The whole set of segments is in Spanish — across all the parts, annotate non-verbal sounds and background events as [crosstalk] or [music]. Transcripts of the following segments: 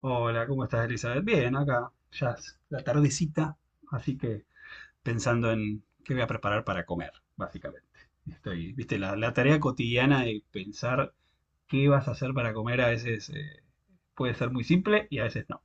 Hola, ¿cómo estás, Elizabeth? Bien, acá ya es la tardecita, así que pensando en qué voy a preparar para comer, básicamente. Estoy, viste, la tarea cotidiana de pensar qué vas a hacer para comer a veces puede ser muy simple y a veces no.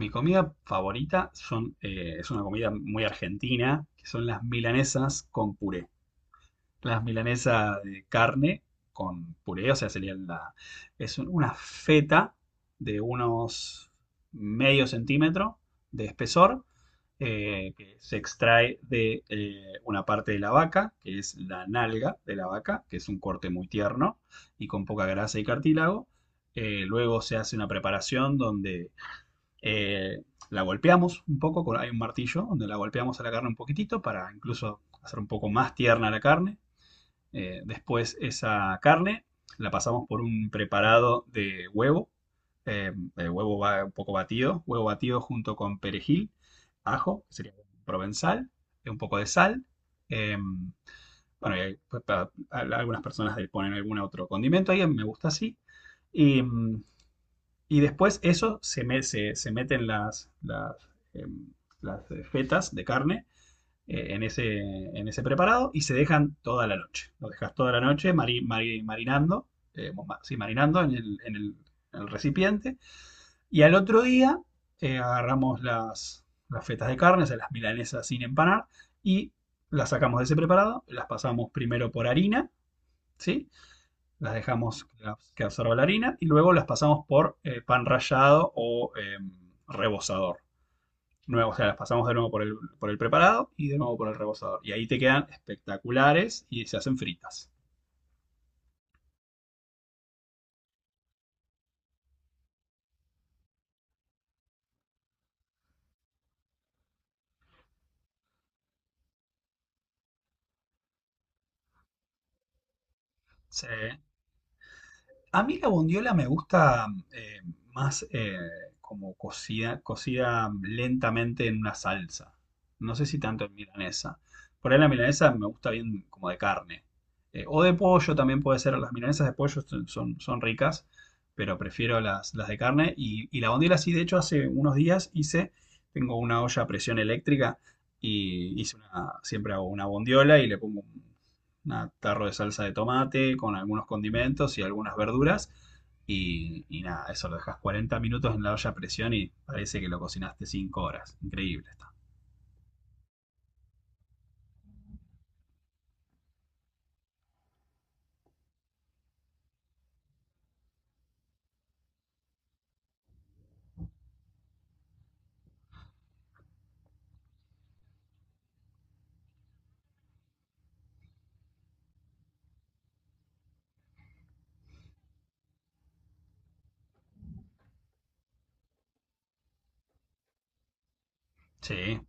Mi comida favorita son, es una comida muy argentina, que son las milanesas con puré. Las milanesas de carne con puré, o sea, sería es una feta de unos medio centímetro de espesor, que se extrae de una parte de la vaca, que es la nalga de la vaca, que es un corte muy tierno y con poca grasa y cartílago. Luego se hace una preparación donde eh, la golpeamos un poco, hay un martillo donde la golpeamos a la carne un poquitito para incluso hacer un poco más tierna la carne. Después esa carne la pasamos por un preparado de huevo, eh, el huevo va un poco batido, huevo batido junto con perejil, ajo, que sería provenzal, un poco de sal. eh, bueno, y algunas personas le ponen algún otro condimento ahí, a mí me gusta así. Y, mm, y después eso se meten em, las fetas de carne en en ese preparado y se dejan toda la noche. Lo dejas toda la noche marinando, eh, sí, marinando en en el recipiente. Y al otro día agarramos las fetas de carne, o sea, las milanesas sin empanar, y las sacamos de ese preparado, las pasamos primero por harina, ¿sí? Las dejamos que absorba la harina y luego las pasamos por pan rallado o rebozador nuevo, o sea, las pasamos de nuevo por por el preparado y de nuevo por el rebosador. Y ahí te quedan espectaculares y se hacen fritas. Se, a mí la bondiola me gusta eh, más, como cocida, cocida lentamente en una salsa. No sé si tanto en milanesa. Por ahí la milanesa me gusta bien como de carne. O de pollo también puede ser. Las milanesas de pollo son ricas, pero prefiero las de carne. Y la bondiola sí, de hecho, hace unos días hice, tengo una olla a presión eléctrica y hice una, siempre hago una bondiola y le pongo un tarro de salsa de tomate con algunos condimentos y algunas verduras. Y nada, eso lo dejas 40 minutos en la olla a presión y parece que lo cocinaste 5 horas. Increíble está. Sí.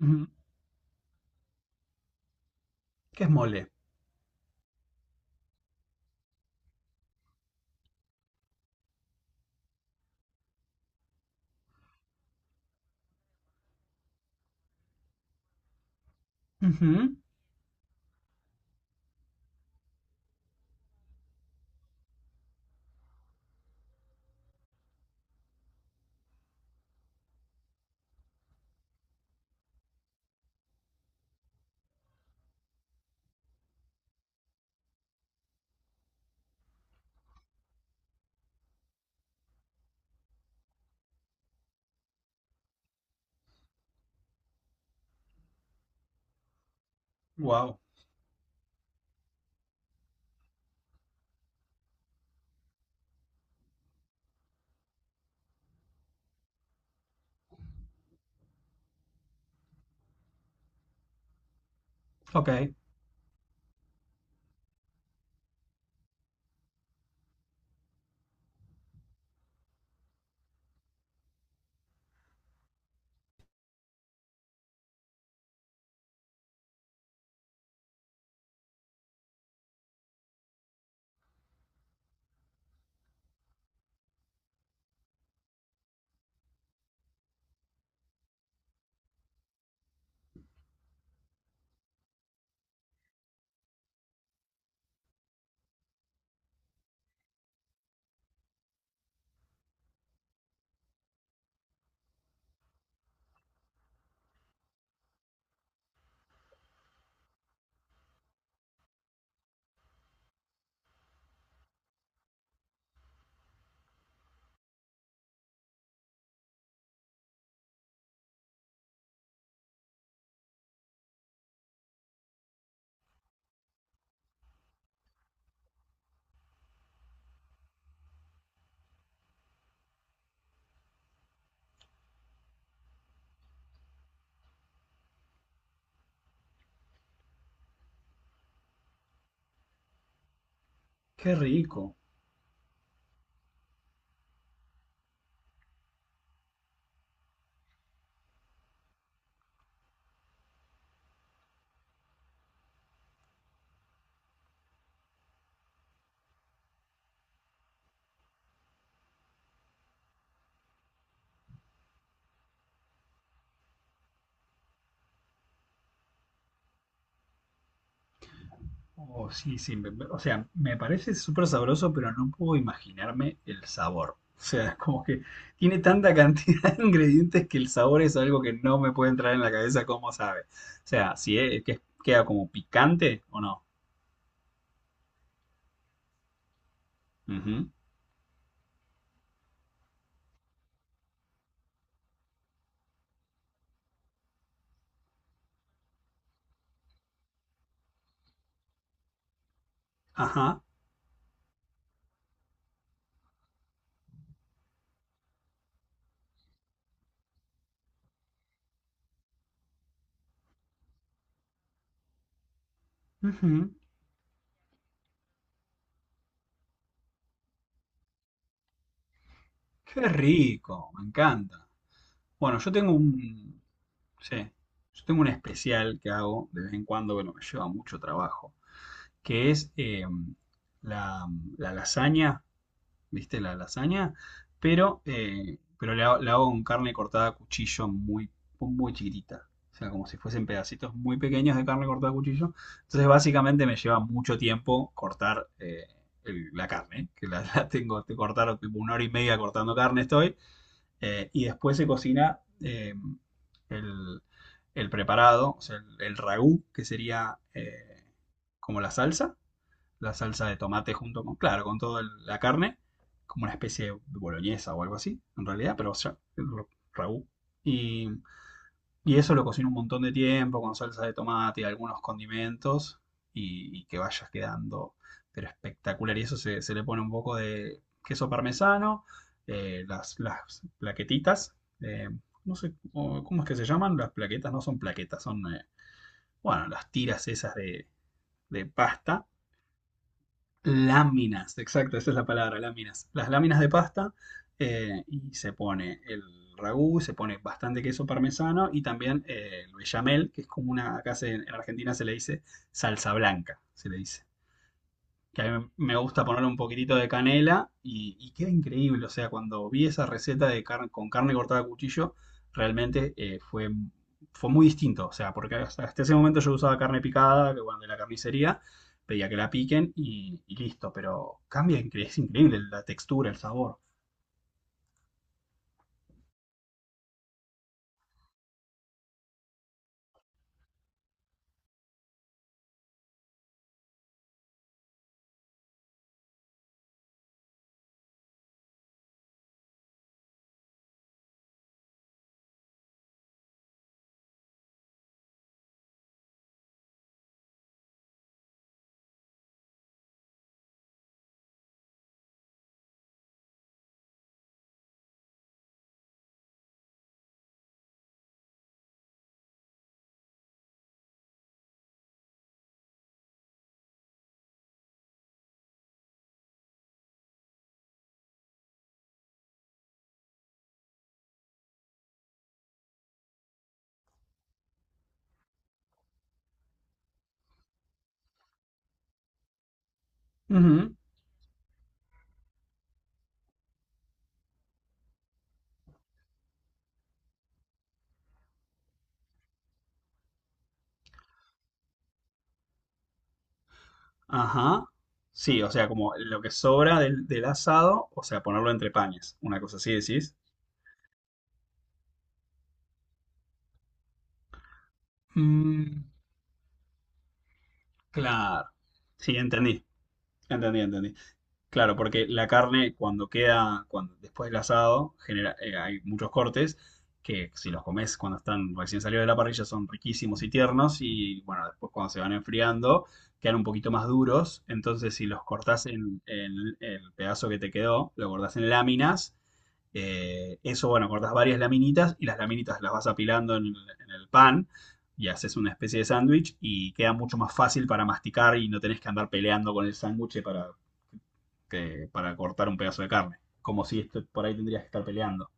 Ujú. ¿Qué es mole? Wow. Ok. Qué rico. Oh, sí, sí, o sea, me parece súper sabroso, pero no puedo imaginarme el sabor. O sea, es como que tiene tanta cantidad [laughs] de ingredientes que el sabor es algo que no me puede entrar en la cabeza cómo sabe. O sea, si es, que queda como picante o no. Ujú. Ajá. Ujú. Qué rico, me encanta. Bueno, sí, yo tengo un especial que hago de vez en cuando, bueno, me lleva mucho trabajo, que es em, la, la lasaña, ¿viste? La lasaña, pero, la hago con carne cortada a cuchillo muy, muy chiquitita. O sea, como si fuesen pedacitos muy pequeños de carne cortada a cuchillo. Entonces, básicamente me lleva mucho tiempo cortar la carne, ¿eh? Que la, [laughs] la tengo que cortar tipo una hora y media cortando carne estoy. Y después se cocina el, el preparado, o sea, el ragú, que sería como la salsa de tomate junto con, claro, con toda la carne, como una especie de boloñesa o algo así, en realidad, pero ya, el raú. Y, y eso lo cocino un montón de tiempo con salsa de tomate y algunos condimentos y que vaya quedando, pero espectacular. Y eso se le pone un poco de queso parmesano, las plaquetitas, eh, no sé cómo, cómo es que se llaman, las plaquetas no son plaquetas, son, bueno, las tiras esas de pasta. Láminas, exacto, esa es la palabra, láminas. Las láminas de pasta, y se pone el ragú, se pone bastante queso parmesano y también el bechamel, que es como una, acá en Argentina se le dice salsa blanca, se le dice, que a mí me gusta ponerle un poquitito de canela y queda increíble. O sea, cuando vi esa receta de con carne cortada a cuchillo, realmente fue muy distinto. O sea, porque hasta, hasta ese momento yo usaba carne picada, que bueno, de la carnicería, pedía que la piquen y listo. Pero cambia, es increíble la textura, el sabor. Ujú. Ajá. Sí, o sea, como lo que sobra del, del asado, o sea, ponerlo entre panes. Una cosa así decís. Mm, claro. Sí, entendí. Entendí, entendí. Claro, porque la carne cuando queda, cuando después del asado, genera, hay muchos cortes que si los comes cuando están recién salidos de la parrilla son riquísimos y tiernos y bueno, después cuando se van enfriando quedan un poquito más duros, entonces si los cortás en el pedazo que te quedó, lo cortás en láminas, eso bueno, cortás varias laminitas y las laminitas las vas apilando en el pan y haces una especie de sándwich y queda mucho más fácil para masticar y no tenés que andar peleando con el sándwich para cortar un pedazo de carne. Como si esto- Por ahí tendrías que estar peleando.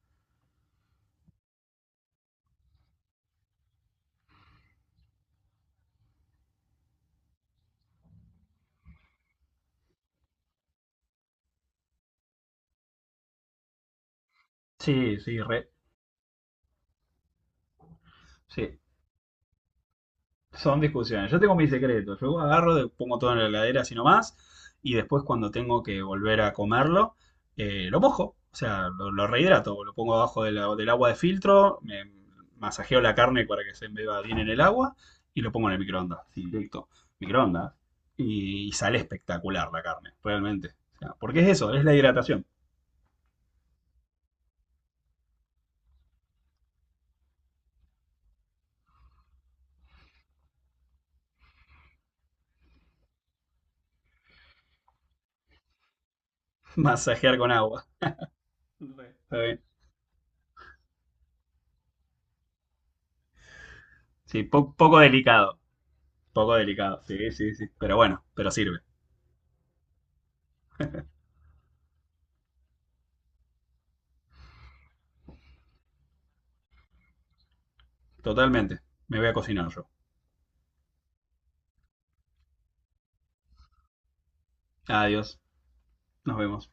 Sí, sí, re, sí. Son discusiones. Yo tengo mis secretos. Yo agarro, pongo todo en la heladera así nomás. Y después cuando tengo que volver a comerlo, lo mojo. O sea, lo rehidrato. Lo pongo abajo de del agua de filtro. Me masajeo la carne para que se embeba bien en el agua. Y lo pongo en el microondas. Sí, directo. Microondas. Y sale espectacular la carne, realmente. O sea, porque es eso, es la hidratación. [laughs] Masajear con agua. Re, está bien. Sí, poco delicado. Poco delicado. Sí, sí, sí. Pero bueno, pero sirve. Totalmente. Me voy a cocinar yo. Adiós. Nos vemos.